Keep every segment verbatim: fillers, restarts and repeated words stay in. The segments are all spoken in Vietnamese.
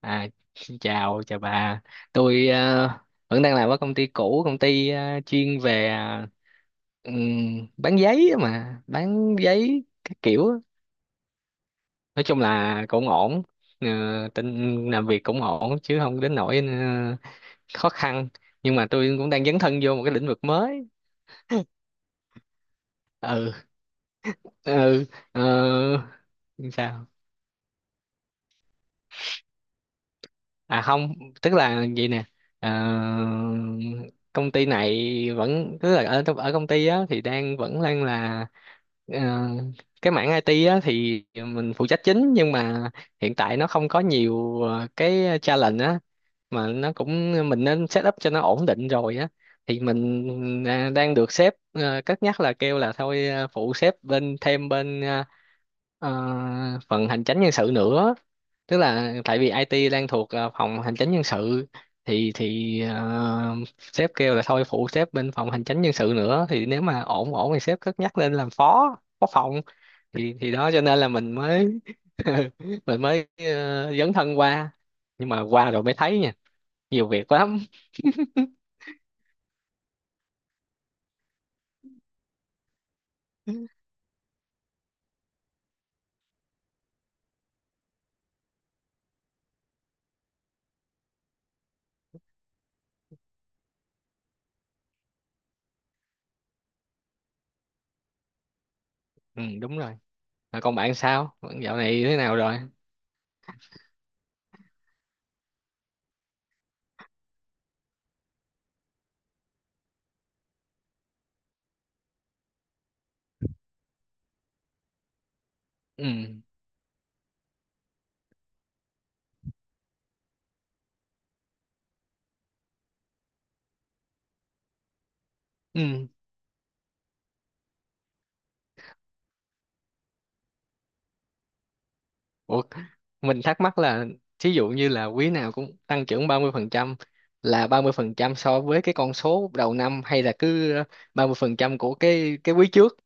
À, xin chào chào bà. Tôi ờ, vẫn đang làm ở công ty cũ công ty ờ, chuyên về ờ, ừm, bán giấy á, mà bán giấy các kiểu á. Nói chung là cũng ổn. Ờ, tin làm việc cũng ổn chứ không đến nỗi ờ, khó khăn, nhưng mà tôi cũng đang dấn thân vô một cái lĩnh vực mới. Ừ. Ừ. ờ, Sao? À không, tức là vậy nè. ờ, Công ty này vẫn, tức là ở ở công ty á thì đang vẫn đang là ờ, cái mảng i tê á thì mình phụ trách chính, nhưng mà hiện tại nó không có nhiều ờ, cái challenge á, mà nó cũng mình nên set up cho nó ổn định rồi á. Thì mình à, đang được sếp ờ, cất nhắc là kêu là thôi ờ, phụ sếp bên, thêm bên ờ, ờ, phần hành chánh nhân sự nữa. Tức là tại vì i tê đang thuộc ờ, phòng hành chính nhân sự, thì thì ờ, sếp kêu là thôi phụ sếp bên phòng hành chính nhân sự nữa, thì nếu mà ổn ổn thì sếp cất nhắc lên làm phó phó phòng. Thì thì đó, cho nên là mình mới mình mới ờ, dấn thân qua, nhưng mà qua rồi mới thấy nha, nhiều việc lắm. Ừ, đúng rồi. Rồi còn bạn, sao bạn dạo này thế nào rồi? Ừ. Ừ. Ủa, mình thắc mắc là thí dụ như là quý nào cũng tăng trưởng ba mươi phần trăm, là ba mươi phần trăm so với cái con số đầu năm, hay là cứ ba mươi phần trăm của cái cái quý trước?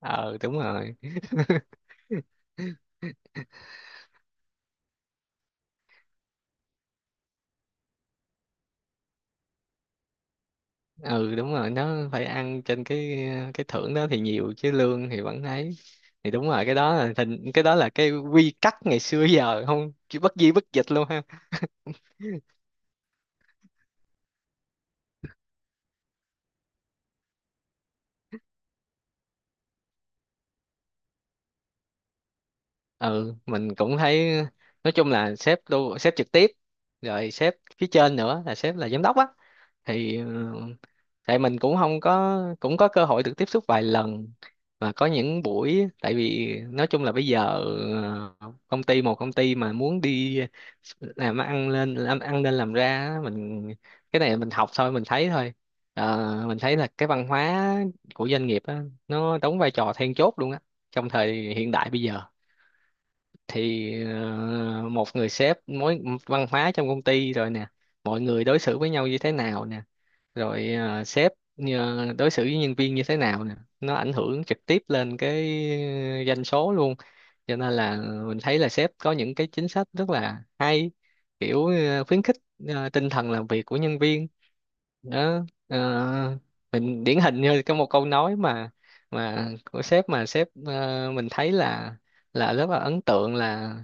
Ờ đúng rồi. Ừ đúng rồi, nó phải ăn trên cái cái thưởng đó thì nhiều, chứ lương thì vẫn ấy. Thì đúng rồi, cái đó là thành cái đó là cái quy tắc ngày xưa giờ không, chứ bất di bất dịch luôn ha. Ừ mình cũng thấy. Nói chung là sếp đô sếp trực tiếp rồi sếp phía trên nữa là sếp là giám đốc á, thì ừ, tại mình cũng không có cũng có cơ hội được tiếp xúc vài lần, và có những buổi. Tại vì nói chung là bây giờ ờ, công ty, một công ty mà muốn đi làm ăn lên, làm ăn lên làm ra á, mình cái này mình học thôi, mình thấy thôi. Ờ, mình thấy là cái văn hóa của doanh nghiệp á, nó đóng vai trò then chốt luôn á, trong thời hiện đại bây giờ. Thì ờ, một người sếp mối văn hóa trong công ty rồi nè, mọi người đối xử với nhau như thế nào nè, rồi à, sếp à, đối xử với nhân viên như thế nào nè, nó ảnh hưởng trực tiếp lên cái doanh số luôn. Cho nên là mình thấy là sếp có những cái chính sách rất là hay, kiểu à, khuyến khích à, tinh thần làm việc của nhân viên. Đó. Ờ, mình điển hình như có một câu nói mà mà của sếp, mà sếp à, mình thấy là là rất là ấn tượng, là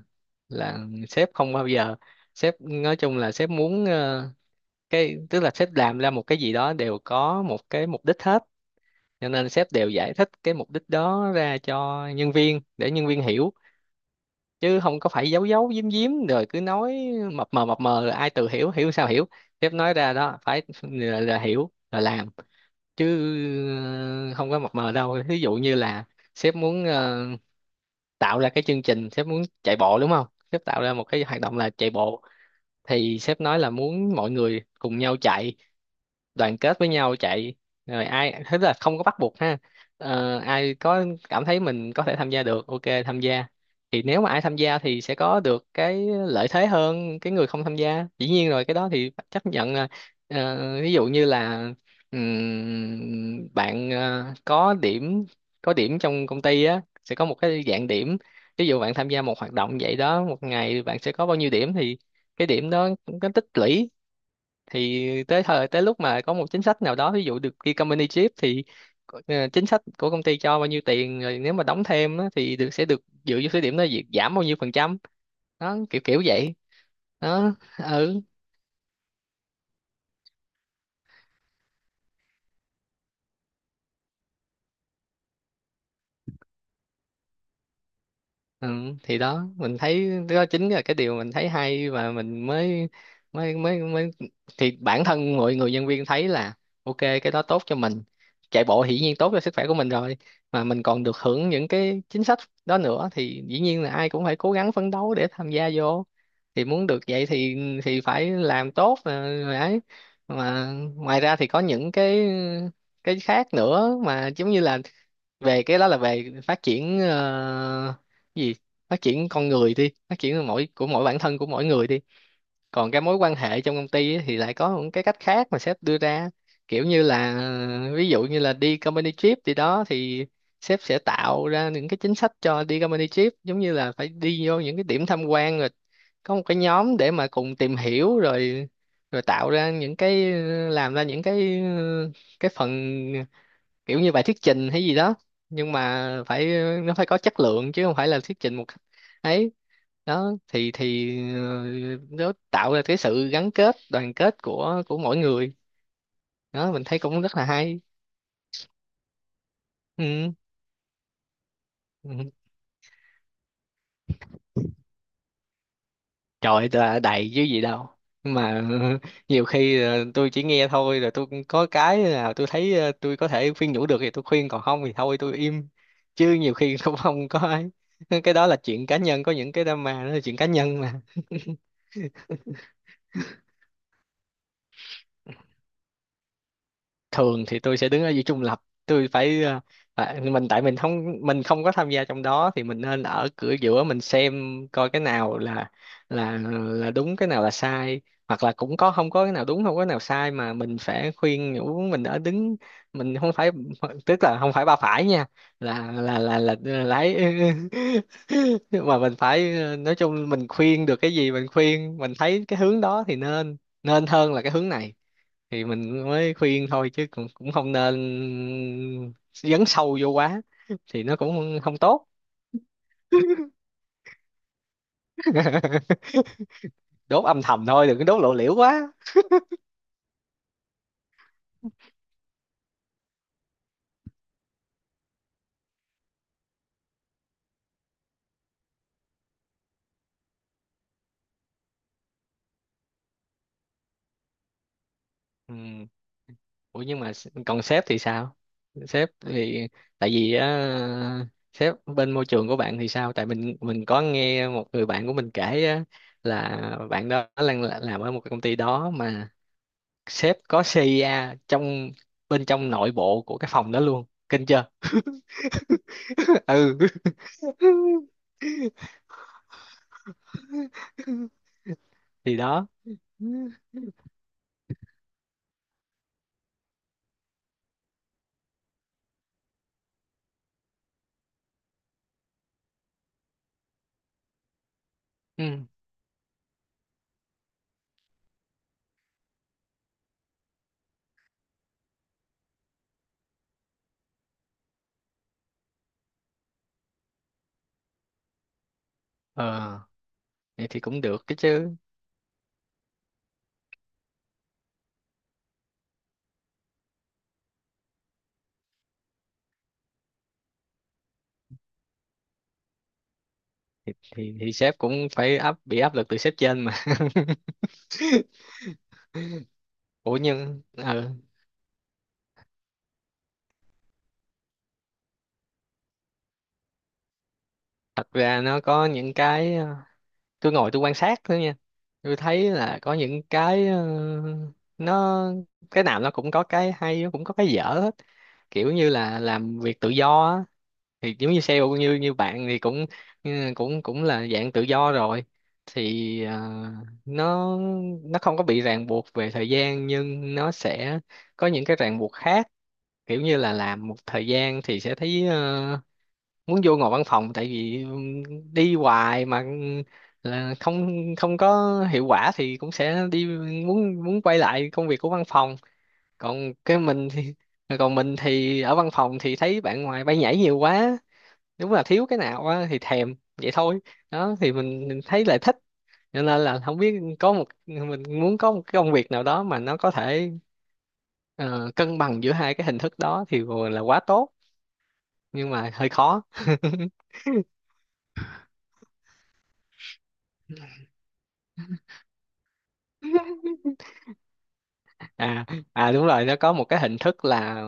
là sếp không bao giờ sếp, nói chung là sếp muốn ờ, cái, tức là sếp làm ra một cái gì đó đều có một cái mục đích hết, cho nên sếp đều giải thích cái mục đích đó ra cho nhân viên để nhân viên hiểu, chứ không có phải giấu giấu giếm giếm rồi cứ nói mập mờ mập mờ rồi ai tự hiểu, hiểu sao hiểu. Sếp nói ra đó phải là, là hiểu là làm, chứ ờ, không có mập mờ đâu. Ví dụ như là sếp muốn ờ, tạo ra cái chương trình, sếp muốn chạy bộ đúng không, sếp tạo ra một cái hoạt động là chạy bộ, thì sếp nói là muốn mọi người cùng nhau chạy, đoàn kết với nhau chạy. Rồi ai thế là không có bắt buộc ha. Ờ, ai có cảm thấy mình có thể tham gia được ok tham gia. Thì nếu mà ai tham gia thì sẽ có được cái lợi thế hơn cái người không tham gia, dĩ nhiên rồi, cái đó thì phải chấp nhận là, ờ, ví dụ như là ừm, bạn ờ, có điểm, có điểm trong công ty á, sẽ có một cái dạng điểm. Ví dụ bạn tham gia một hoạt động vậy đó, một ngày bạn sẽ có bao nhiêu điểm, thì cái điểm đó cũng có tích lũy. Thì tới thời tới lúc mà có một chính sách nào đó, ví dụ được ghi company chip thì ờ, chính sách của công ty cho bao nhiêu tiền, rồi nếu mà đóng thêm á, thì được sẽ được dựa vô số điểm đó việc giảm bao nhiêu phần trăm. Đó, kiểu kiểu vậy đó. Ừ. Ừ, thì đó mình thấy đó chính là cái điều mình thấy hay, và mình mới mới mới mới thì bản thân mọi người nhân viên thấy là ok cái đó tốt cho mình, chạy bộ hiển nhiên tốt cho sức khỏe của mình rồi, mà mình còn được hưởng những cái chính sách đó nữa, thì dĩ nhiên là ai cũng phải cố gắng phấn đấu để tham gia vô. Thì muốn được vậy thì thì phải làm tốt ờ, rồi mà ấy. Mà ngoài ra thì có những cái cái khác nữa, mà giống như là về cái đó là về phát triển ờ, cái gì, phát triển con người đi, phát triển mỗi của mỗi bản thân của mỗi người đi. Còn cái mối quan hệ trong công ty ấy, thì lại có một cái cách khác mà sếp đưa ra, kiểu như là ờ, ví dụ như là đi company trip thì đó thì sếp sẽ tạo ra những cái chính sách cho đi company trip, giống như là phải đi vô những cái điểm tham quan, rồi có một cái nhóm để mà cùng tìm hiểu rồi, rồi tạo ra những cái, làm ra những cái cái phần, kiểu như bài thuyết trình hay gì đó. Nhưng mà phải, nó phải có chất lượng chứ không phải là thuyết trình một cách ấy. Đó thì thì ờ, nó tạo ra cái sự gắn kết đoàn kết của của mỗi người. Đó mình thấy cũng rất là hay. Ừ. Ừ. Trời là đầy chứ gì đâu. Nhưng mà nhiều khi ờ, tôi chỉ nghe thôi, rồi tôi cũng có cái nào tôi thấy ờ, tôi có thể khuyên nhủ được thì tôi khuyên, còn không thì thôi tôi im. Chứ nhiều khi cũng không có ấy, cái đó là chuyện cá nhân, có những cái drama đó là chuyện cá nhân. Thường thì tôi sẽ đứng ở giữa trung lập, tôi phải ờ, à, mình tại mình không, mình không có tham gia trong đó thì mình nên ở cửa giữa, mình xem coi cái nào là là là đúng, cái nào là sai, hoặc là cũng có không có cái nào đúng không có cái nào sai, mà mình phải khuyên nhủ. Mình ở đứng Mình không phải, tức là không phải ba phải nha, là là là là, là lái. Mà mình phải ờ, nói chung mình khuyên được cái gì mình khuyên, mình thấy cái hướng đó thì nên, nên hơn là cái hướng này, thì mình mới khuyên thôi. Chứ cũng cũng không nên dấn sâu vô quá thì nó cũng không tốt. Đốt âm thầm thôi, đừng có đốt lộ liễu quá. Ừ. Ủa nhưng mà s- còn sếp thì sao? Sếp thì, tại vì á, sếp bên môi trường của bạn thì sao? Tại mình mình có nghe một người bạn của mình kể á, là bạn đó đang là- làm ở một cái công ty đó, mà sếp có xê i a trong, bên trong nội bộ của cái phòng đó luôn, kinh chưa? Ừ thì đó. Ừ. Ờ vậy thì cũng được cái chứ. Thì thì sếp cũng phải áp bị áp lực từ sếp trên mà. Ủa nhưng ừ, thật ra nó có những cái ờ, tôi ngồi tôi quan sát thôi nha. Tôi thấy là có những cái ờ, nó, cái nào nó cũng có cái hay, nó cũng có cái dở hết. Kiểu như là làm việc tự do á, thì giống như sale như như bạn thì cũng ừ, cũng cũng là dạng tự do rồi. Thì ờ, nó nó không có bị ràng buộc về thời gian, nhưng nó sẽ có những cái ràng buộc khác. Kiểu như là làm một thời gian thì sẽ thấy ờ, muốn vô ngồi văn phòng, tại vì ừm, đi hoài mà ừm, là không không có hiệu quả, thì cũng sẽ đi muốn muốn quay lại công việc của văn phòng. còn cái mình thì Còn mình thì ở văn phòng thì thấy bạn ngoài bay nhảy nhiều quá, đúng là thiếu cái nào á thì thèm vậy thôi. Đó thì mình, mình thấy là thích, cho nên là không biết có một mình muốn có một cái công việc nào đó mà nó có thể ờ, cân bằng giữa hai cái hình thức đó thì vừa là quá tốt, nhưng mà hơi khó. À. À đúng rồi, nó có một cái hình thức là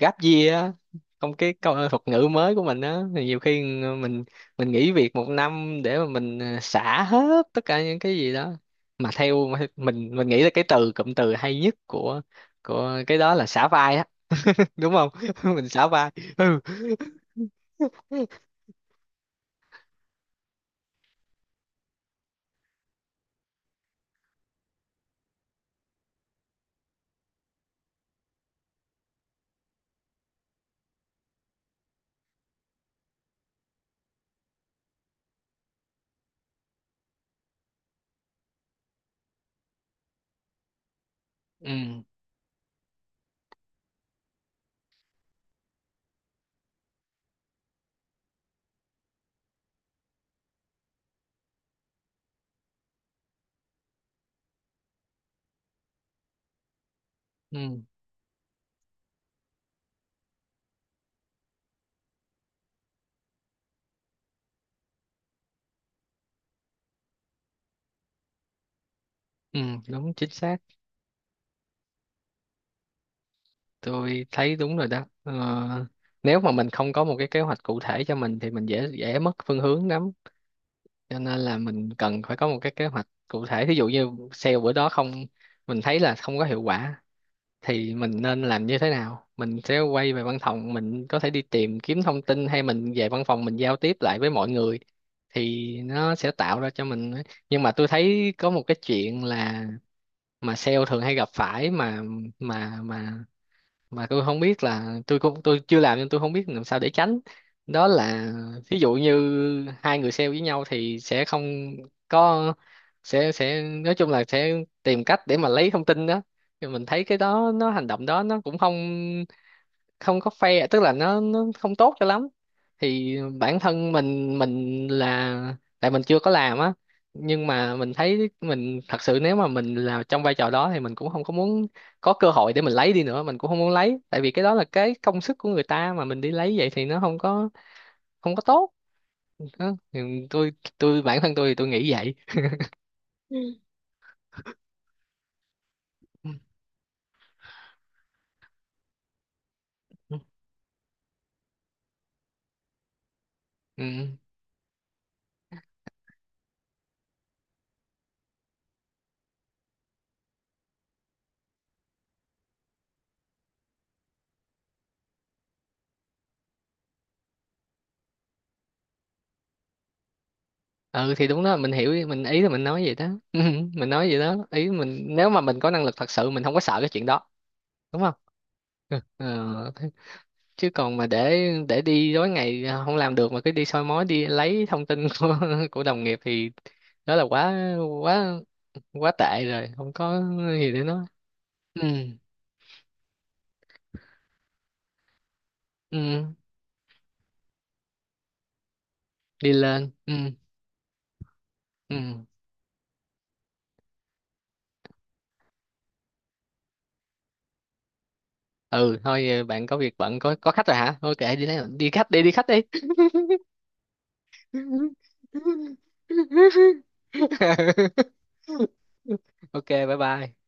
gáp year á. Không, cái câu thuật ngữ mới của mình á, thì nhiều khi mình mình nghỉ việc một năm để mà mình ờ, xả hết tất cả những cái gì đó. Mà theo mình mình nghĩ là cái từ cụm từ hay nhất của của cái đó là xả vai á. Đúng không? Mình xả vai. Ừ. Ừ. Ừ. Ừ, đúng chính xác, tôi thấy đúng rồi đó. ờ, Nếu mà mình không có một cái kế hoạch cụ thể cho mình thì mình dễ dễ mất phương hướng lắm. Cho nên là mình cần phải có một cái kế hoạch cụ thể. Ví dụ như sale bữa đó không, mình thấy là không có hiệu quả, thì mình nên làm như thế nào? Mình sẽ quay về văn phòng, mình có thể đi tìm kiếm thông tin, hay mình về văn phòng mình giao tiếp lại với mọi người, thì nó sẽ tạo ra cho mình. Nhưng mà tôi thấy có một cái chuyện là mà sale thường hay gặp phải, mà mà mà mà tôi không biết là, tôi cũng tôi chưa làm nên tôi không biết làm sao để tránh. Đó là ví dụ như hai người sale với nhau thì sẽ không có sẽ sẽ nói chung là sẽ tìm cách để mà lấy thông tin đó. Thì mình thấy cái đó nó hành động đó nó cũng không, không có fair, tức là nó nó không tốt cho lắm. Thì bản thân mình mình là tại mình chưa có làm á, nhưng mà mình thấy mình thật sự nếu mà mình là trong vai trò đó thì mình cũng không có muốn có cơ hội để mình lấy đi nữa, mình cũng không muốn lấy, tại vì cái đó là cái công sức của người ta, mà mình đi lấy vậy thì nó không có, không có tốt. Đó. Thì tôi tôi bản thân tôi thì tôi nghĩ vậy. Ừ. Ừ. Ừ thì đúng đó, mình hiểu ý- mình, ý là mình nói vậy đó. Mình nói vậy đó, ý mình nếu mà mình có năng lực thật sự mình không có sợ cái chuyện đó, đúng không? Ờ, thế- chứ còn mà để để đi tối ngày à, không làm được mà cứ đi soi mói đi lấy thông tin của của đồng nghiệp, thì đó là quá quá quá tệ rồi, không có gì để nói. Ừ. Ừ đi lên. Ừ. Ừ. Ừ thôi, ờ, bạn có việc bận, có có khách rồi hả, thôi kệ đi lấy đi khách đi, đi khách đi. Ok bye bye.